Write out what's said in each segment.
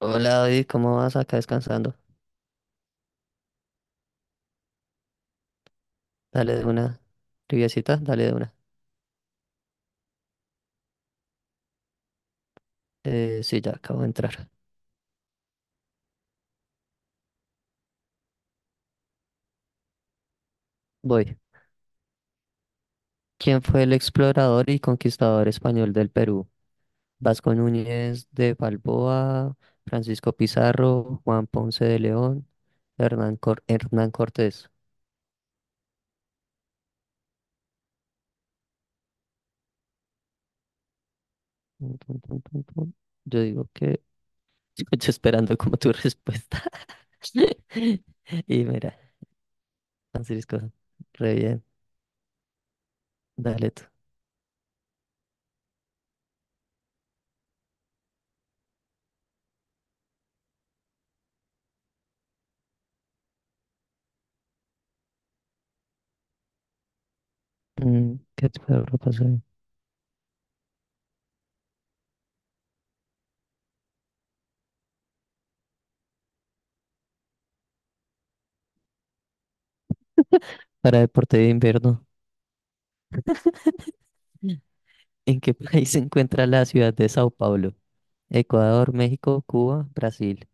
Hola David, ¿cómo vas acá descansando? Dale de una. Triviacita, dale de una. Sí, ya acabo de entrar. Voy. ¿Quién fue el explorador y conquistador español del Perú? Vasco Núñez de Balboa, Francisco Pizarro, Juan Ponce de León, Hernán, Hernán Cortés. Tun, tun, tun, tun, tun. Yo digo que estoy esperando como tu respuesta. Y mira, Francisco, re bien. Dale tú. Mm, ¿qué te puedo pasar? Para deporte de invierno, ¿en qué país se encuentra la ciudad de Sao Paulo? Ecuador, México, Cuba, Brasil.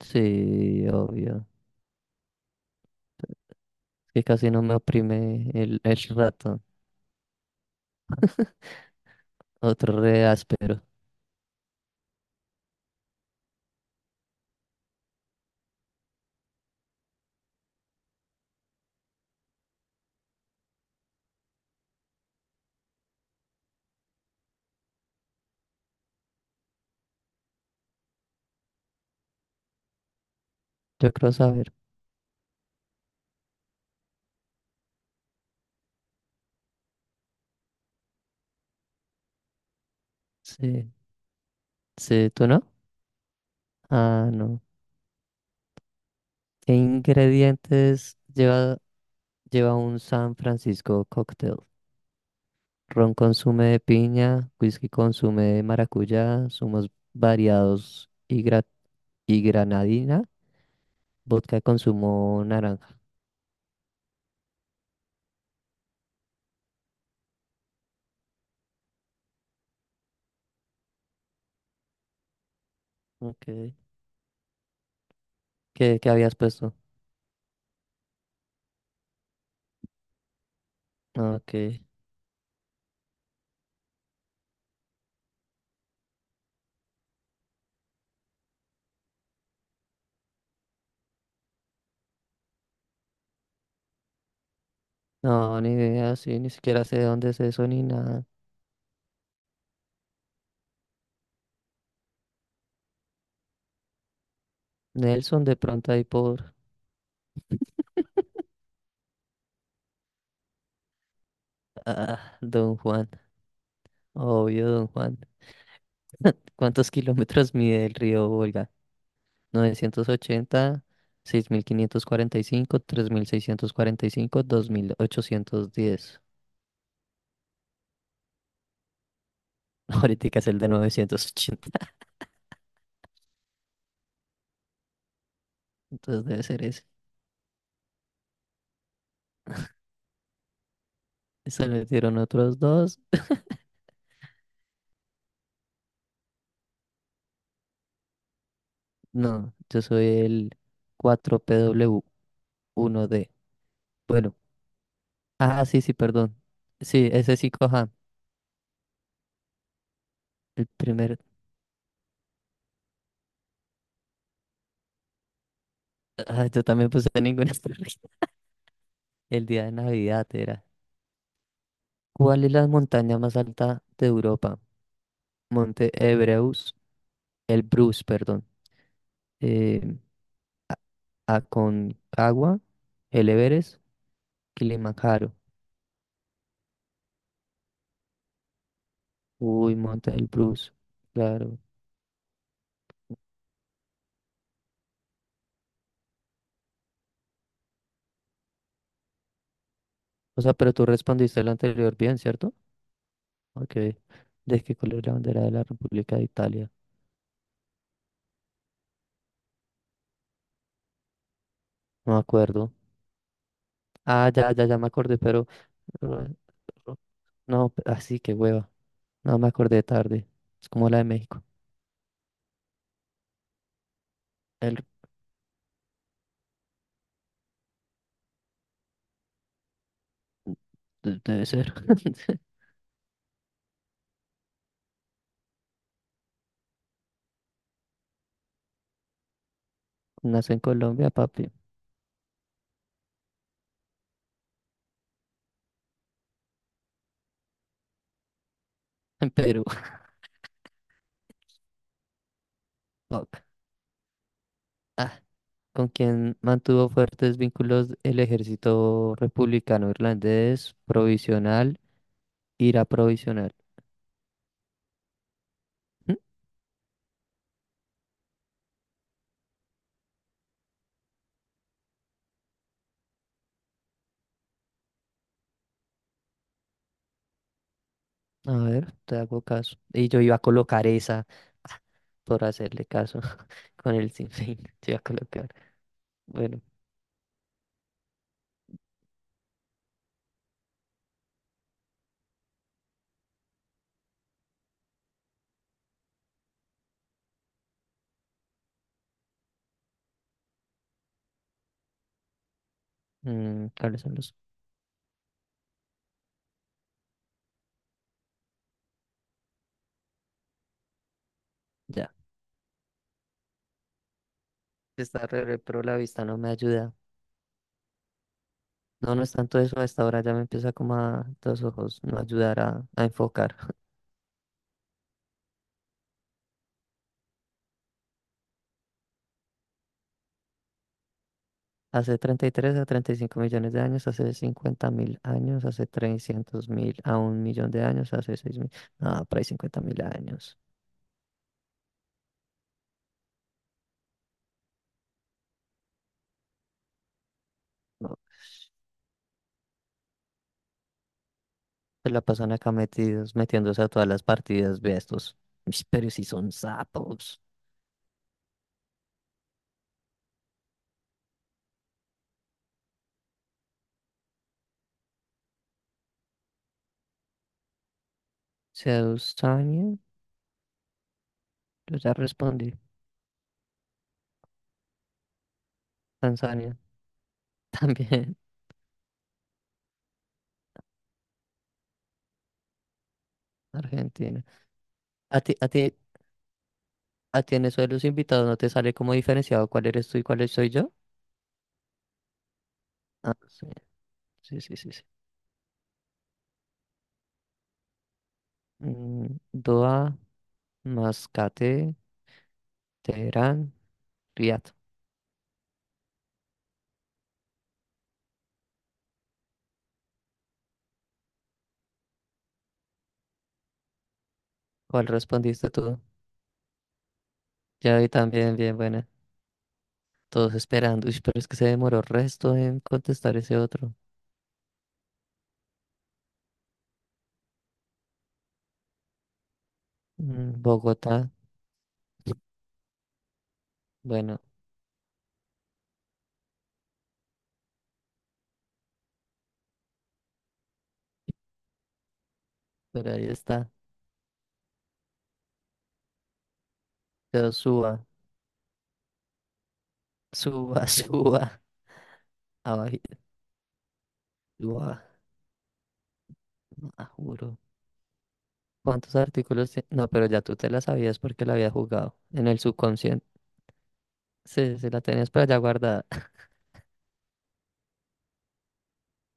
Sí, obvio. Es que casi no me oprime el ratón. Otro re áspero. Yo creo saber. Sí. Sí, ¿tú no? Ah, no. ¿Qué ingredientes lleva un San Francisco cocktail? Ron con zumo de piña, whisky con zumo de maracuyá, zumos variados y, y granadina. Vodka de consumo naranja. Okay. ¿Qué, qué habías puesto? Ah, ok. No, ni idea, sí, ni siquiera sé de dónde es eso ni nada. Nelson, de pronto ahí por... Ah, Don Juan. Obvio, Don Juan. ¿Cuántos kilómetros mide el río Volga? 980, seis mil quinientos cuarenta y cinco, 3.645, 2.810. Ahorita es el de 980. Entonces debe ser ese. Se le dieron otros dos. No, yo soy el cuatro PW uno d. Bueno, sí, sí, perdón. Sí, ese sí, coja. El primer. Ah, yo también puse ninguna. El día de Navidad era. ¿Cuál es la montaña más alta de Europa? Monte Ebreus, el Bruce, perdón. Eh, Aconcagua, el Everest, Kilimanjaro. Uy, Monte del Bruce, claro. O sea, pero tú respondiste el anterior bien, ¿cierto? Ok. ¿De qué color es la bandera de la República de Italia? No me acuerdo. Ah, ya, ya, ya me acordé, pero... Pero, no, así que hueva. No me acordé tarde. Es como la de México. El... Debe ser. Nació en Colombia, papi. En Perú. Fuck. Ah, con quien mantuvo fuertes vínculos el ejército republicano irlandés provisional, ira provisional. ¿Mm? A ver, te hago caso. Y yo iba a colocar esa por hacerle caso con el sinfín. Te iba a colocar. Bueno, mm, ¿cuáles son los? Ya. Está re, re, pero la vista no me ayuda. No, no es tanto eso, a esta hora ya me empieza como a los ojos no ayudar a enfocar. Hace 33 a 35 millones de años, hace 50.000 años, hace 300.000 a 1.000.000 de años, hace 6.000, ah, por ahí 50.000 años. No, se la pasan acá metidos, metiéndose a todas las partidas, ve a estos. Ush, pero si son sapos. Tanzania, yo ya respondí. Tanzania, también Argentina. A ti, ah, tiene eso de los invitados, ¿no te sale como diferenciado cuál eres tú y cuál soy yo? Ah, sí, sí, sí, sí, sí. Mm, Doha, Mascate, Teherán, Riad. ¿Cuál respondiste tú? Ya vi también, bien buena. Todos esperando. Uy, pero es que se demoró resto en contestar ese otro. Mm, Bogotá, bueno, pero ahí está. Pero suba, suba. Abajito, suba. Ah, juro. ¿Cuántos artículos tiene? No, pero ya tú te la sabías porque la había jugado en el subconsciente. Sí, sí, la tenías por allá guardada.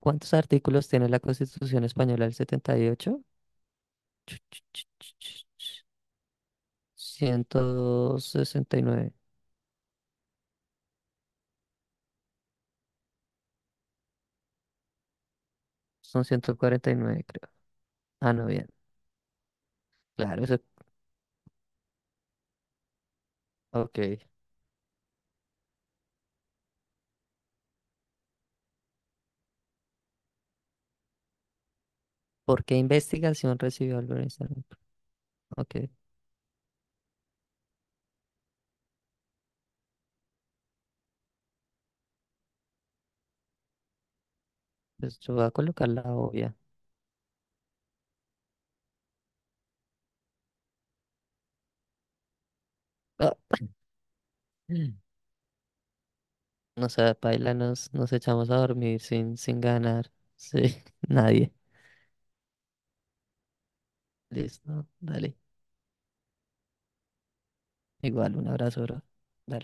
¿Cuántos artículos tiene la Constitución Española del 78? Ch, ch, ch, ch, ch, ch. 169. Son 149 creo. Ah, no, bien. Claro, eso. Ok. ¿Por qué investigación recibió Albert Einstein? Ok, pues yo voy a colocar la obvia. Ah, no sé, paila, nos echamos a dormir sin, sin ganar. Sí, nadie. Listo, dale. Igual, un abrazo, bro.